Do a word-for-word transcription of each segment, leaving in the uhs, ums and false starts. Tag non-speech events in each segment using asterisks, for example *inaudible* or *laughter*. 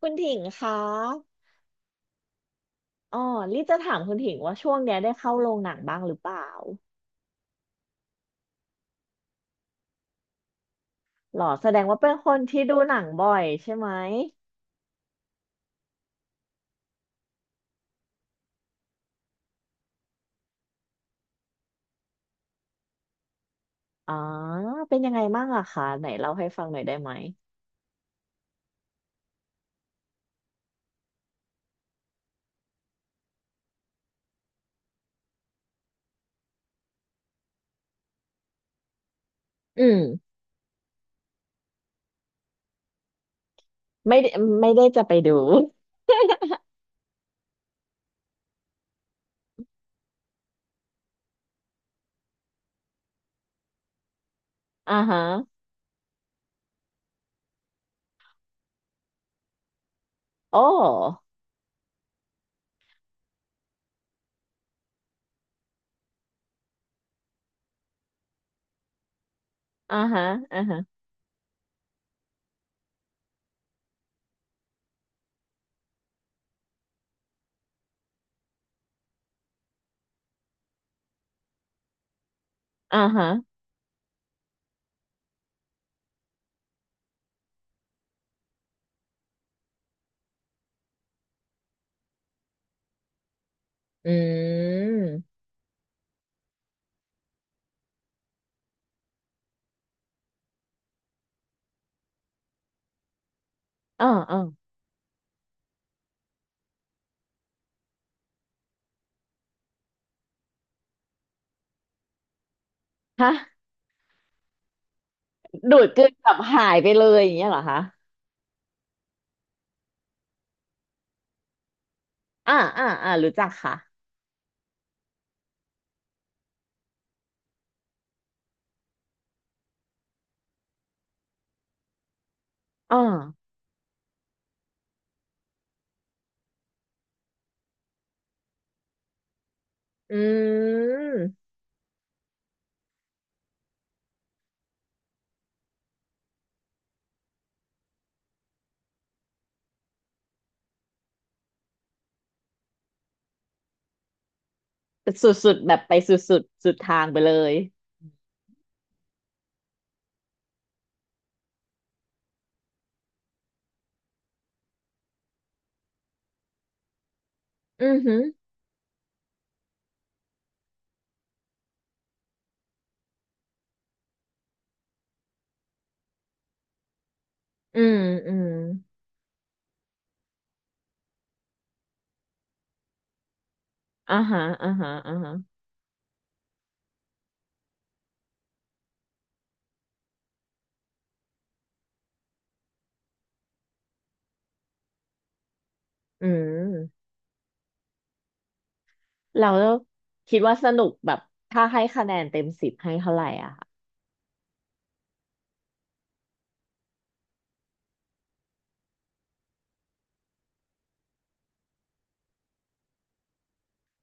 คุณถิงคะอ๋อลี่จะถามคุณถิงว่าช่วงเนี้ยได้เข้าโรงหนังบ้างหรือเปล่าหรอแสดงว่าเป็นคนที่ดูหนังบ่อยใช่ไหมอ๋อเป็นยังไงบ้างอะคะไหนเล่าให้ฟังหน่อยได้ไหมอืมไม่ได้ไม่ได้จะไปดู *laughs* อ่าฮะโอ้อ่าฮะอ่าฮะอ่าฮะอืมอ่าอ่าฮะดูดกลืนแบบหายไปเลยอย่างเงี้ยเหรอคะอ่าอ่าอ่ารู้จักค่ะอ่าอืม สุดๆแบบไปสุดๆสุดทางไปเลยอือหืออืมอืมอ่าฮะอ่าฮะอ่าฮะอืมเราคิดว่าสนุกแบบถ้าให้คะแนนเต็มสิบให้เท่าไหร่อะค่ะ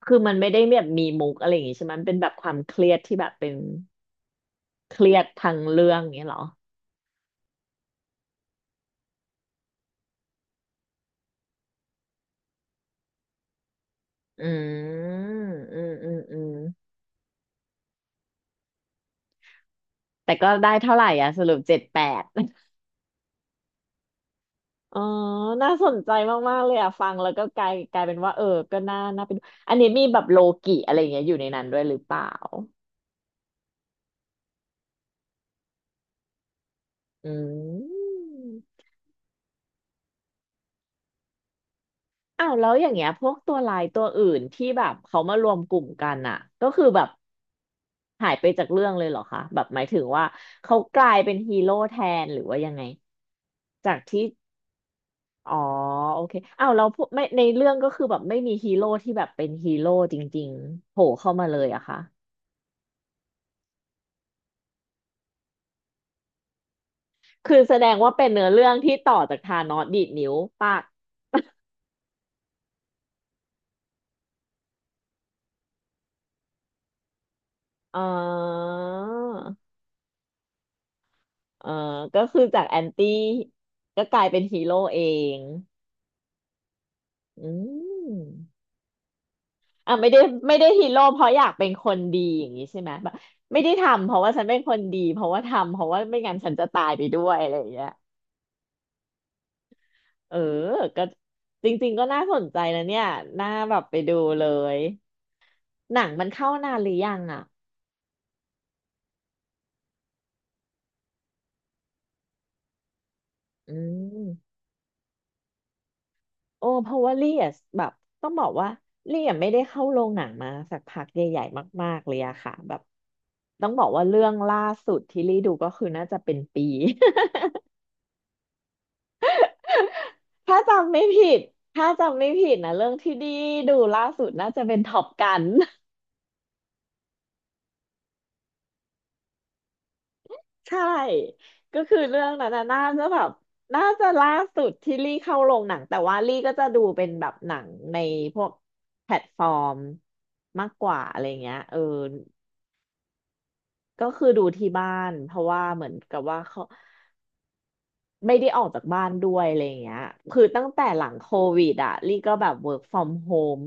คือมันไม่ได้แบบมีมุกอะไรอย่างงี้ใช่ไหมมันเป็นแบบความเครียดที่แบบเป็นเครียดทางเรื่องอย่างงี้เหรออืมอืมอืมอืมแต่ก็ได้เท่าไหร่อะสรุปเจ็ดแปด อ๋อน่าสนใจมากๆเลยอ่ะฟังแล้วก็กลายกลายเป็นว่าเออ ก็น่าน่าไปดูอันนี้มีแบบโลกิอะไรอย่างเงี้ยอยู่ในนั้นด้วยหรือเปล่าอืมอ้าวแล้วอย่างเงี้ยพวกตัวลายตัวอื่นที่แบบเขามารวมกลุ่มกันอ่ะก็คือแบบหายไปจากเรื่องเลยเหรอคะแบบหมายถึงว่าเขากลายเป็นฮีโร่แทนหรือว่ายังไงจากที่ อ๋อโอเคอ้าวแล้วพวกไม่ในเรื่องก็คือแบบไม่มีฮีโร่ที่แบบเป็นฮีโร่จริงๆโผล่เข้ามาเลยอะคะ คือแสดงว่าเป็นเนื้อเรื่องที่ต่อจากธานอสดีดนิ้วปากอ๋อเออก็คือจากแอนตี้ก็กลายเป็นฮีโร่เองอืมอ่ะไม่ได้ไม่ได้ฮีโร่เพราะอยากเป็นคนดีอย่างนี้ใช่ไหมแบบไม่ได้ทำเพราะว่าฉันเป็นคนดีเพราะว่าทำเพราะว่าไม่งั้นฉันจะตายไปด้วยอะไรอย่างเงี้ยเออก็จริงๆก็น่าสนใจนะเนี่ยน่าแบบไปดูเลยหนังมันเข้านานหรือยังอ่ะอืม โอ้เพราะว่าลี่อะแบบต้องบอกว่าลี่อะไม่ได้เข้าโรงหนังมาสักพักใหญ่ๆมากๆเลยอะค่ะแบบต้องบอกว่าเรื่องล่าสุดที่ลี่ดูก็คือน่าจะเป็นปี *laughs* ถ้าจำไม่ผิดถ้าจำไม่ผิดนะเรื่องที่ดีดูล่าสุดน่าจะเป็นท็อปกัน *laughs* ใช่ก็คือเรื่องนั้นน่ะน่าจะแบบน่าจะล่าสุดที่ลี่เข้าโรงหนังแต่ว่าลี่ก็จะดูเป็นแบบหนังในพวกแพลตฟอร์มมากกว่าอะไรเงี้ยเออ ก็คือดูที่บ้านเพราะว่าเหมือนกับว่าเขา ไม่ได้ออกจากบ้านด้วยอะไรอย่างเงี้ยคือตั้งแต่หลังโควิดอะลี่ก็แบบ work from home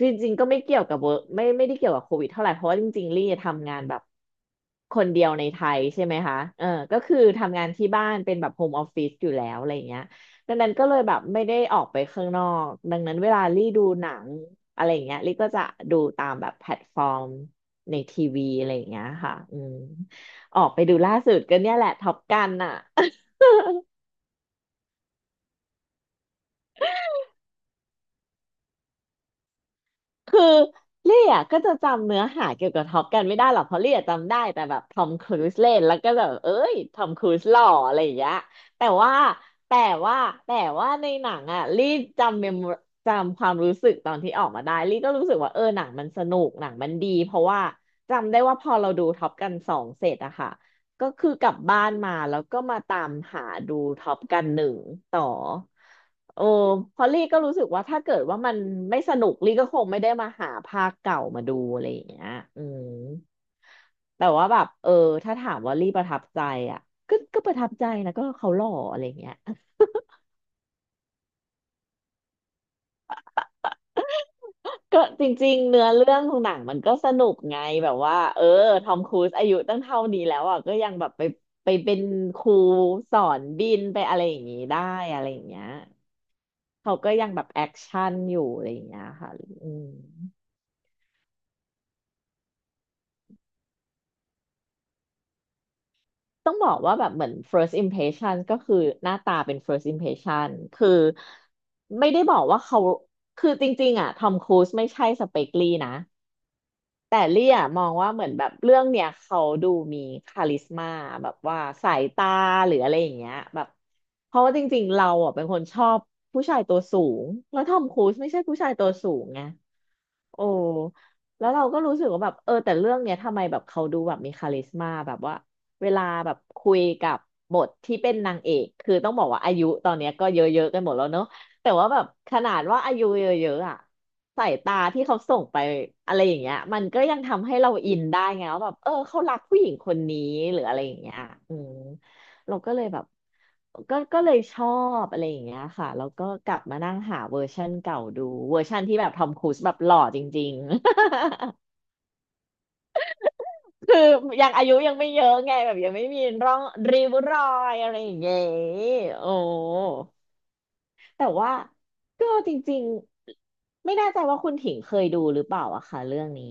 จริงๆ ก็ไม่เกี่ยวกับ work ไม่ไม่ได้เกี่ยวกับโควิดเท่าไหร่เพราะว่าจริงๆลี่ทำงานแบบคนเดียวในไทยใช่ไหมคะเออก็คือทำงานที่บ้านเป็นแบบ home office อยู่แล้วอะไรอย่างเงี้ยดังนั้นก็เลยแบบไม่ได้ออกไปข้างนอกดังนั้นเวลาลี่ดูหนังอะไรอย่างเงี้ยลี่ก็จะดูตามแบบแพลตฟอร์มในทีวีอะไรอย่างเงี้ยค่ะอืมออกไปดูล่าสุดก็เนี่ยแหละท็อปกันอ่ะ คือเล่อะก็จะจำเนื้อหาเกี่ยวกับท็อปกันไม่ได้หรอกเพราะเล่อะจำได้แต่แบบทอมครูซเล่นแล้วก็แบบเอ้ยทอมครูซหล่ออะไรอย่างเงี้ยแต่ว่าแต่ว่าแต่ว่าในหนังอะลี่จำเมมจำความรู้สึกตอนที่ออกมาได้ลี่ก็รู้สึกว่าเออหนังมันสนุกหนังมันดีเพราะว่าจำได้ว่าพอเราดูท็อปกันสองเสร็จอะค่ะก็คือกลับบ้านมาแล้วก็มาตามหาดูท็อปกันหนึ่งต่อ โอ้เพราะลี่ก็รู้สึกว่าถ้าเกิดว่ามันไม่สนุกลี่ก็คงไม่ได้มาหาภาคเก่ามาดูอะไรอย่างเงี้ยอืมแต่ว่าแบบเออถ้าถามว่าลี่ประทับใจอ่ะก็ก็ประทับใจนะก็เขาหล่ออะไรอย่างเงี้ย *laughs* ก็จริงๆเนื้อเรื่องของหนังมันก็สนุกไงแบบว่าเออทอมครูซอายุตั้งเท่านี้แล้วอ่ะก็ยังแบบไปไปเป็นครูสอนบินไปอะไรอย่างงี้ได้อะไรอย่างเงี้ยเขาก็ยังแบบแอคชั่นอยู่อะไรอย่างเงี้ยค่ะอืม ต้องบอกว่าแบบเหมือน first impression ก็คือหน้าตาเป็น first impression คือไม่ได้บอกว่าเขาคือจริงๆอ่ะทอมครูซไม่ใช่สเปกลี่นะ แต่เลี่ยมองว่าเหมือนแบบเรื่องเนี้ยเขาดูมีคาลิสมาแบบว่าสายตาหรืออะไรอย่างเงี้ยแบบเพราะว่าจริงๆเราอ่ะเป็นคนชอบผู้ชายตัวสูงแล้วทอมครูซไม่ใช่ผู้ชายตัวสูงไงโอ้แล้วเราก็รู้สึกว่าแบบเออแต่เรื่องเนี้ยทำไมแบบเขาดูแบบมีคาลิสมาแบบว่าเวลาแบบคุยกับบทที่เป็นนางเอกคือต้องบอกว่าอายุตอนเนี้ยก็เยอะๆกันหมดแล้วเนอะ แต่ว่าแบบขนาดว่าอายุเยอะๆอ่ะสายตาที่เขาส่งไปอะไรอย่างเงี้ยมันก็ยังทำให้เราอินได้ไงว่าแบบเออเขารักผู้หญิงคนนี้หรืออะไรอย่างเงี้ยอืมเราก็เลยแบบก็ก็เลยชอบอะไรอย่างเงี้ยค่ะแล้วก็กลับมานั่งหาเวอร์ชันเก่าดูเวอร์ชันที่แบบทอมครูซแบบหล่อจริงๆ *laughs* คือยังอายุยังไม่เยอะไงแบบยังไม่มีร่องริ้วรอยอะไรอย่างเงี้ยโอ้ แต่ว่าก็จริงๆไม่แน่ใจว่าคุณถิงเคยดูหรือเปล่าอะค่ะเรื่องนี้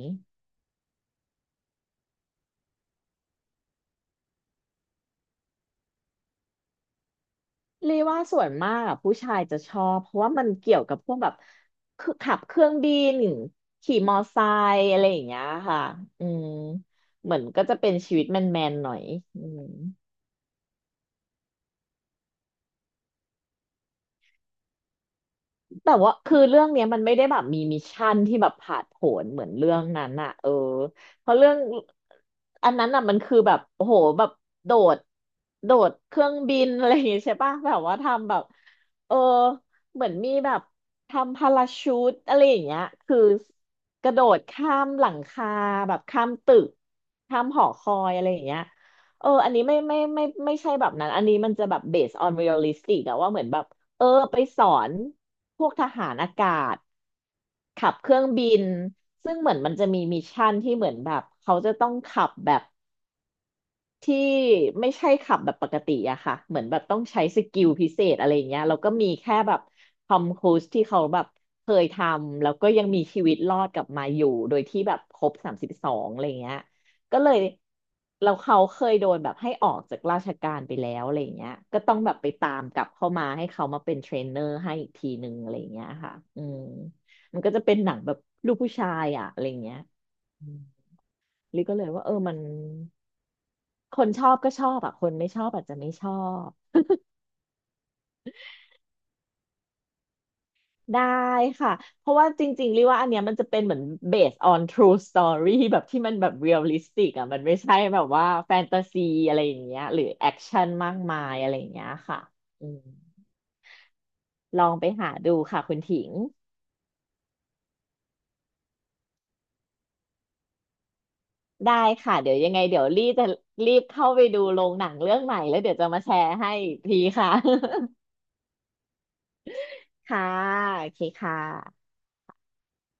เรียกว่าส่วนมากอะผู้ชายจะชอบเพราะว่ามันเกี่ยวกับพวกแบบคือขับเครื่องบินขี่มอไซค์อะไรอย่างเงี้ยค่ะอืมเหมือนก็จะเป็นชีวิตแมนๆหน่อยอืม แต่ว่าคือเรื่องเนี้ยมันไม่ได้แบบมีมิชชั่นที่แบบผาดโผนเหมือนเรื่องนั้นอะเออเพราะเรื่องอันนั้นอะมันคือแบบโอ้โหแบบโดดโดดเครื่องบินอะไรอย่างงี้ใช่ปะแบบว่าทำแบบเออเหมือนมีแบบทำพาราชูตอะไรอย่างเงี้ยคือกระโดดข้ามหลังคาแบบข้ามตึกข้ามหอคอยอะไรอย่างเงี้ยเอออันนี้ไม่ไม่ไม่ไม่ไม่ใช่แบบนั้นอันนี้มันจะแบบ based on realistic อะว่าเหมือนแบบ เออไปสอนพวกทหารอากาศขับเครื่องบินซึ่งเหมือนมันจะมีมิชชั่นที่เหมือนแบบเขาจะต้องขับแบบ ที่ไม่ใช่ขับแบบปกติอะค่ะเหมือนแบบต้องใช้สกิลพิเศษอะไรอย่างเงี้ยแล้วก็มีแค่แบบทอมครูซที่เขาแบบเคยทำแล้วก็ยังมีชีวิตรอดกลับมาอยู่โดยที่แบบครบสามสิบสองอะไรอย่างเงี้ยก็เลยแล้วเขาเคยโดนแบบให้ออกจากราชการไปแล้วอะไรอย่างเงี้ยก็ต้องแบบไปตามกลับเข้ามาให้เขามาเป็นเทรนเนอร์ให้อีกทีหนึ่งอะไรอย่างเงี้ยค่ะอืมมันก็จะเป็นหนังแบบลูกผู้ชายอะอะไรอย่างเงี้ยอืมลิก็เลยว่าเออมัน คนชอบก็ชอบอะคนไม่ชอบอาจจะไม่ชอบได้ค่ะเพราะว่าจริงๆเรียกว่าอันเนี้ยมันจะเป็นเหมือน based on true story แบบที่มันแบบ realistic อะมันไม่ใช่แบบว่าแฟนตาซีอะไรอย่างเงี้ยหรือแอคชั่นมากมายอะไรอย่างเงี้ยค่ะอืมลองไปหาดูค่ะคุณถิงได้ค่ะเดี๋ยวยังไงเดี๋ยวรีจะรีบเข้าไปดูโรงหนังเรื่องใหม่แล้วเดี๋ยวจะมาแชร์ให้อีกทีค่ะ *laughs* ค่ะโอเคค่ะ